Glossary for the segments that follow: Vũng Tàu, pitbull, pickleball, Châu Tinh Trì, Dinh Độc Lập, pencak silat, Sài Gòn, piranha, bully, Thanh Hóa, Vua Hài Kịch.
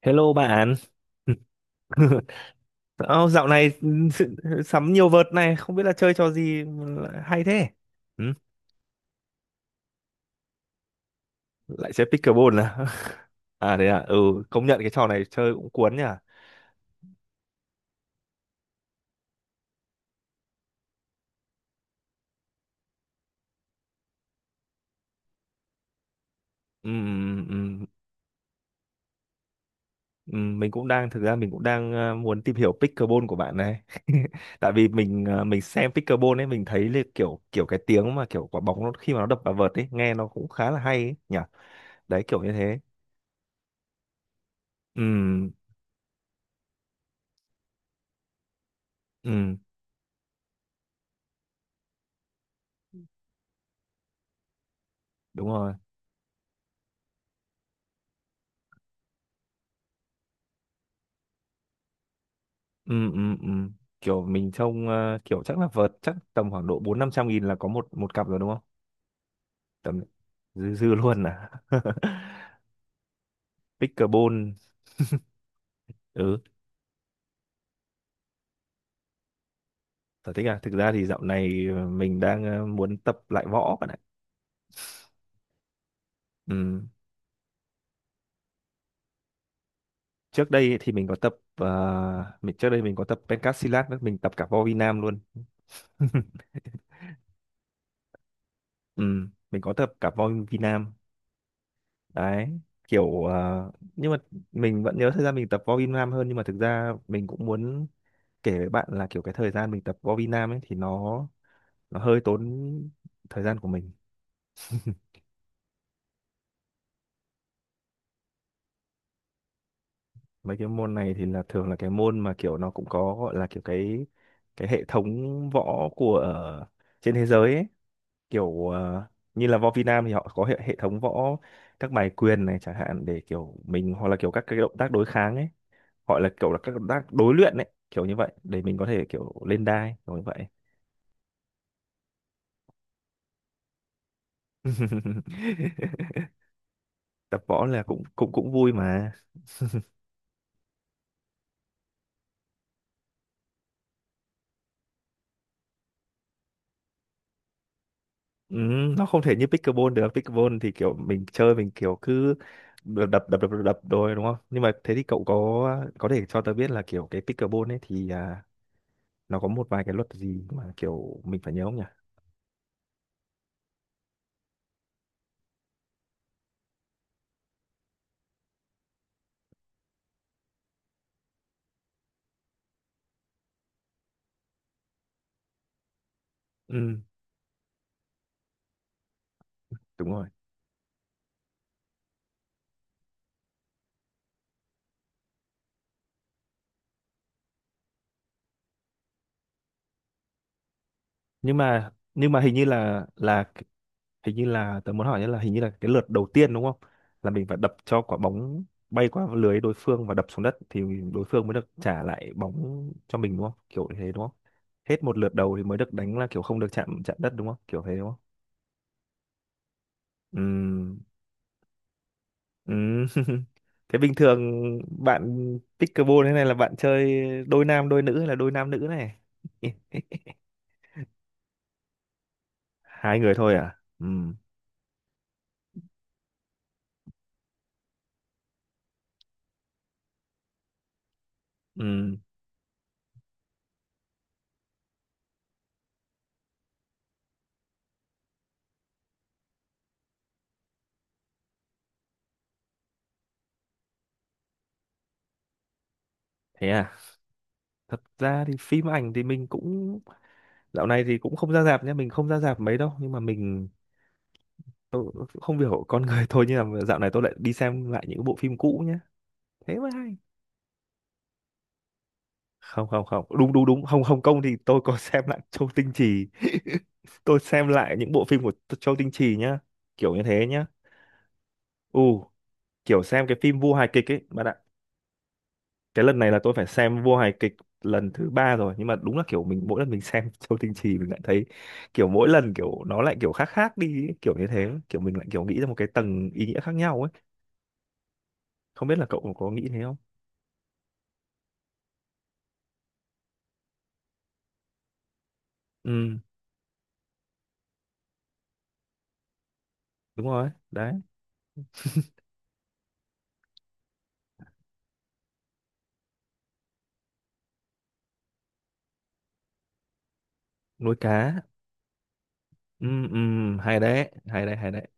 Hello bạn. Ô, dạo này sự- sắm nhiều vợt này, không biết là chơi trò gì mà lại hay thế. Ừ, Lại chơi pickleball à? À đấy à, ừ, công nhận cái trò này chơi cũng cuốn nhỉ. Ừ, ừ, ừ, ừ, mình cũng đang thực ra mình cũng đang muốn tìm hiểu pickleball của bạn này. Tại vì mình mình xem pickleball ấy mình thấy là kiểu kiểu cái tiếng mà kiểu quả bóng nó khi mà nó đập vào vợt ấy, nghe nó cũng khá là hay ấy nhỉ. Đấy kiểu như thế. Ừ, ừ, đúng rồi. Ừ, ừ, ừ, kiểu mình trông kiểu chắc là vợt chắc tầm khoảng độ bốn năm trăm nghìn là có một một cặp rồi đúng không tầm dư dư luôn à. Pickleball. Ừ. Sở thích à, thực ra thì dạo này mình đang muốn tập lại võ bạn ạ. Ừ. Trước đây ấy thì mình có tập mình trước đây mình có tập pencak silat nữa, mình tập cả vo vi nam luôn. Ừ. Mình có tập cả vo vi nam. Đấy kiểu nhưng mà mình vẫn nhớ thời gian mình tập vo vi nam hơn, nhưng mà thực ra mình cũng muốn kể với bạn là kiểu cái thời gian mình tập võ Việt Nam ấy thì nó hơi tốn thời gian của mình. Mấy cái môn này thì là thường là cái môn mà kiểu nó cũng có gọi là kiểu cái hệ thống võ của trên thế giới ấy kiểu như là võ Việt Nam thì họ có hệ thống võ, các bài quyền này chẳng hạn để kiểu mình hoặc là kiểu các cái động tác đối kháng ấy, gọi là kiểu là các động tác đối luyện ấy kiểu như vậy để mình có thể kiểu lên đai kiểu như vậy. Tập võ là cũng cũng cũng vui mà. Ừ, nó không thể như pickleball được. Pickleball thì kiểu mình chơi mình kiểu cứ đập đập đập đập đập rồi đúng không, nhưng mà thế thì cậu có thể cho tớ biết là kiểu cái pickleball ấy thì nó có một vài cái luật gì mà kiểu mình phải nhớ không nhỉ. Ừ, đúng rồi. Nhưng mà hình như là hình như là tớ muốn hỏi là hình như là cái lượt đầu tiên đúng không, là mình phải đập cho quả bóng bay qua lưới đối phương và đập xuống đất thì đối phương mới được trả lại bóng cho mình đúng không kiểu như thế đúng không, hết một lượt đầu thì mới được đánh là kiểu không được chạm chạm đất đúng không kiểu thế đúng không. Ừm, ừm. Thế bình thường bạn pickleball thế này là bạn chơi đôi nam đôi nữ hay là đôi nam nữ này. Hai người thôi à. Ừm, thế à, thật ra thì phim ảnh thì mình cũng dạo này thì cũng không ra rạp nhé, mình không ra rạp mấy đâu, nhưng mà mình tôi không hiểu con người thôi nhưng mà dạo này tôi lại đi xem lại những bộ phim cũ nhé. Thế mới hay. Không không không, đúng đúng đúng, Hồng Hồng Kông thì tôi có xem lại Châu Tinh Trì. Tôi xem lại những bộ phim của Châu Tinh Trì nhá, kiểu như thế nhá. Ừ, kiểu xem cái phim Vua Hài Kịch ấy, bạn ạ. Cái lần này là tôi phải xem vua hài kịch lần thứ ba rồi, nhưng mà đúng là kiểu mình mỗi lần mình xem Châu Tinh Trì mình lại thấy kiểu mỗi lần kiểu nó lại kiểu khác khác đi ấy, kiểu như thế kiểu mình lại kiểu nghĩ ra một cái tầng ý nghĩa khác nhau ấy, không biết là cậu có nghĩ thế không. Ừ, đúng rồi đấy. Nuôi cá. Ừ, ừ, hay đấy hay đấy hay đấy.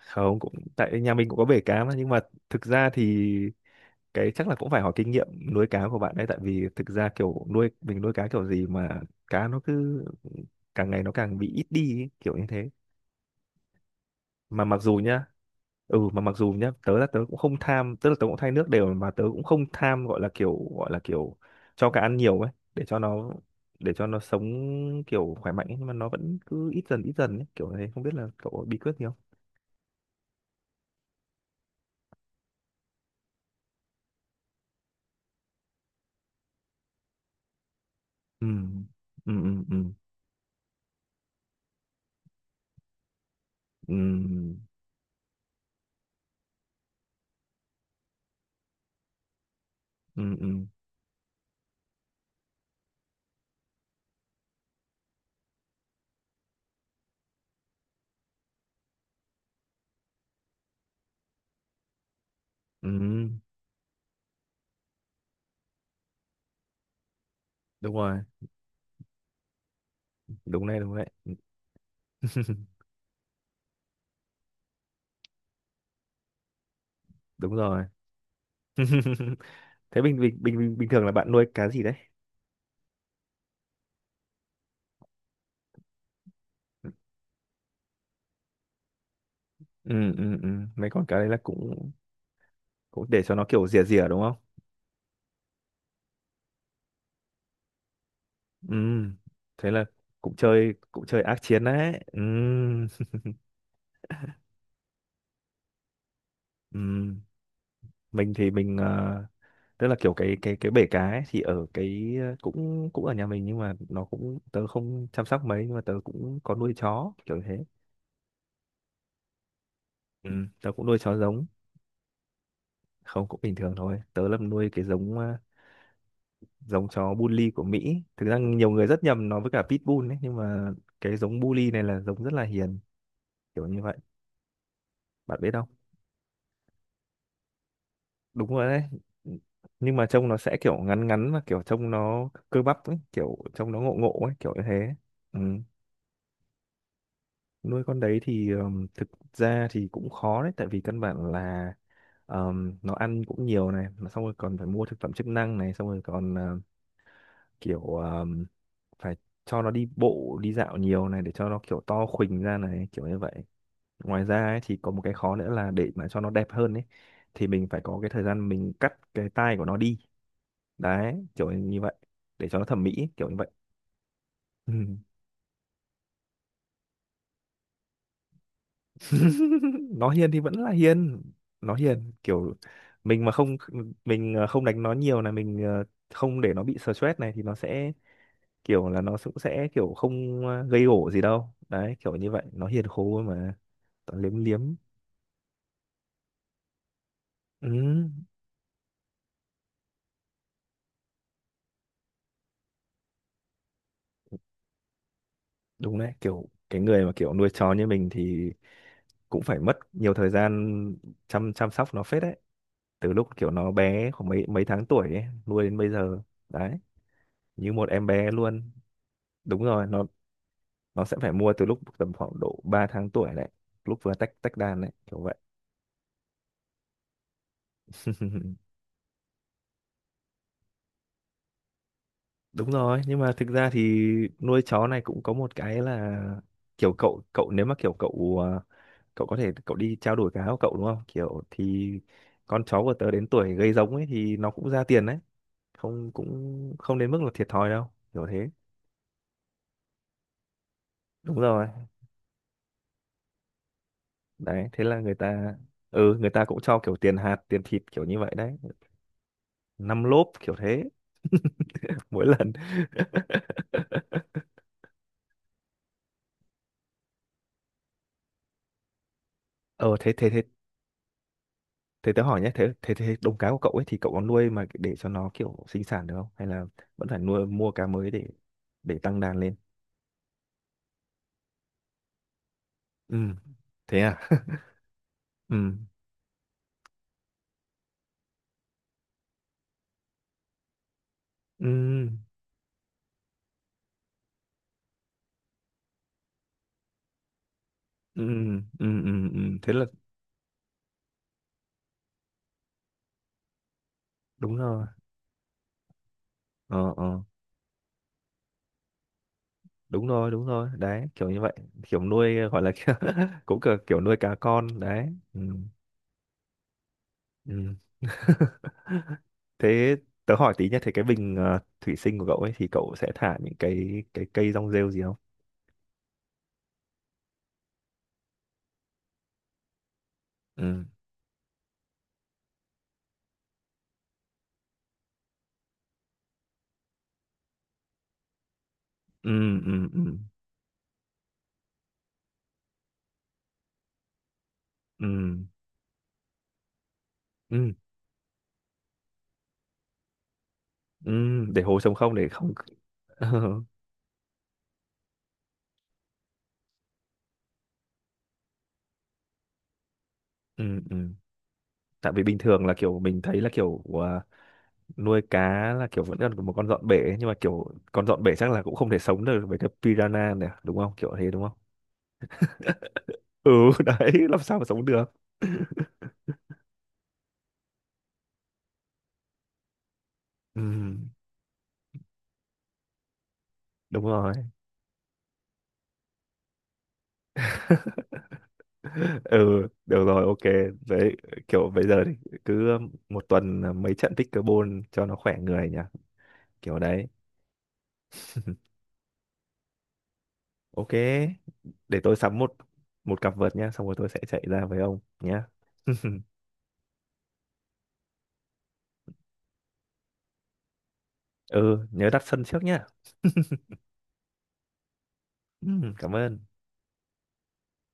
Không, cũng tại nhà mình cũng có bể cá mà, nhưng mà thực ra thì cái chắc là cũng phải hỏi kinh nghiệm nuôi cá của bạn đấy, tại vì thực ra kiểu nuôi mình nuôi cá kiểu gì mà cá nó cứ càng ngày nó càng bị ít đi ấy, kiểu như thế, mà mặc dù nhá. Ừ, mà mặc dù nhá tớ là tớ cũng không tham, tức là tớ cũng thay nước đều mà tớ cũng không tham gọi là kiểu cho cá ăn nhiều ấy để cho nó sống kiểu khỏe mạnh ấy, nhưng mà nó vẫn cứ ít dần ấy, kiểu thế không biết là cậu có bí quyết gì không. Ừ, ừ, ừ, ừ, ừ, ừ, ừ, ừ. Ừ. Đúng rồi, đúng này đúng đấy. Đúng rồi. Thế bình bình bình bình thường là bạn nuôi cá gì đấy. Ừ, ừ, ừ, mấy con cá đấy là cũng cũng để cho nó kiểu rỉa rỉa đúng không. Ừ, thế là cũng chơi ác chiến đấy. Ừ, ừ, mình thì mình tức là kiểu cái bể cá ấy, thì ở cái cũng cũng ở nhà mình nhưng mà nó cũng tớ không chăm sóc mấy, nhưng mà tớ cũng có nuôi chó kiểu thế. Ừ, tớ cũng nuôi chó giống. Không, cũng bình thường thôi, tớ là nuôi cái giống giống chó bully của Mỹ, thực ra nhiều người rất nhầm nó với cả pitbull ấy, nhưng mà cái giống bully này là giống rất là hiền kiểu như vậy bạn biết không. Đúng rồi đấy, nhưng mà trông nó sẽ kiểu ngắn ngắn và kiểu trông nó cơ bắp ấy kiểu trông nó ngộ ngộ ấy kiểu như thế. Ừ. Nuôi con đấy thì thực ra thì cũng khó đấy, tại vì căn bản là nó ăn cũng nhiều này, mà xong rồi còn phải mua thực phẩm chức năng này xong rồi còn kiểu phải cho nó đi bộ đi dạo nhiều này để cho nó kiểu to khuỳnh ra này kiểu như vậy. Ngoài ra ấy, thì có một cái khó nữa là để mà cho nó đẹp hơn ấy thì mình phải có cái thời gian mình cắt cái tai của nó đi, đấy kiểu như vậy, để cho nó thẩm mỹ ấy, kiểu như vậy. Ừ. Nó hiền thì vẫn là hiền, nó hiền kiểu mình mà không mình không đánh nó nhiều này mình không để nó bị stress này thì nó sẽ kiểu là nó cũng sẽ kiểu không gây gổ gì đâu đấy kiểu như vậy, nó hiền khô mà, toàn liếm liếm. Ừ, đúng đấy, kiểu cái người mà kiểu nuôi chó như mình thì cũng phải mất nhiều thời gian chăm chăm sóc nó phết đấy, từ lúc kiểu nó bé khoảng mấy mấy tháng tuổi ấy, nuôi đến bây giờ, đấy như một em bé luôn. Đúng rồi, nó sẽ phải mua từ lúc tầm khoảng độ 3 tháng tuổi đấy, lúc vừa tách tách đàn đấy kiểu vậy. Đúng rồi, nhưng mà thực ra thì nuôi chó này cũng có một cái là kiểu cậu cậu nếu mà kiểu cậu cậu có thể cậu đi trao đổi cá của cậu đúng không, kiểu thì con chó của tớ đến tuổi gây giống ấy thì nó cũng ra tiền đấy, không cũng không đến mức là thiệt thòi đâu kiểu thế. Đúng rồi đấy, thế là người ta. Ừ, người ta cũng cho kiểu tiền hạt tiền thịt kiểu như vậy đấy, năm lốp kiểu thế. Mỗi lần. Ờ, thế thế thế thế tớ hỏi nhé, thế thế thế đồng cá của cậu ấy thì cậu có nuôi mà để cho nó kiểu sinh sản được không, hay là vẫn phải nuôi mua cá mới để tăng đàn lên. Ừ, thế à, ừ ừ ừ ừ ừ ừ thế là đúng rồi, ờ ờ đúng rồi đấy kiểu như vậy, kiểu nuôi gọi là kiểu, cũng kiểu, kiểu nuôi cá con đấy. Ừ, ừ, thế tớ hỏi tí nhé, thế cái bình thủy sinh của cậu ấy thì cậu sẽ thả những cái cây rong rêu gì không. Ừ, ừ, ừ, ừ, ừ, ừ, ừ, để hồ trống không để không. Ừ, ừ, tại vì bình thường là kiểu mình thấy là kiểu nuôi cá là kiểu vẫn còn một con dọn bể ấy, nhưng mà kiểu con dọn bể chắc là cũng không thể sống được với cái piranha này đúng không kiểu thế đúng không. Ừ, đấy làm sao mà sống được. Ừ, đúng rồi. Ừ, được rồi, ok, đấy kiểu bây giờ thì cứ một tuần là mấy trận pickleball cho nó khỏe người nhỉ, kiểu đấy. Ok, để tôi sắm một một cặp vợt nhá xong rồi tôi sẽ chạy ra với ông nhá. Ừ, nhớ đặt sân trước nhá. Ừ, cảm ơn.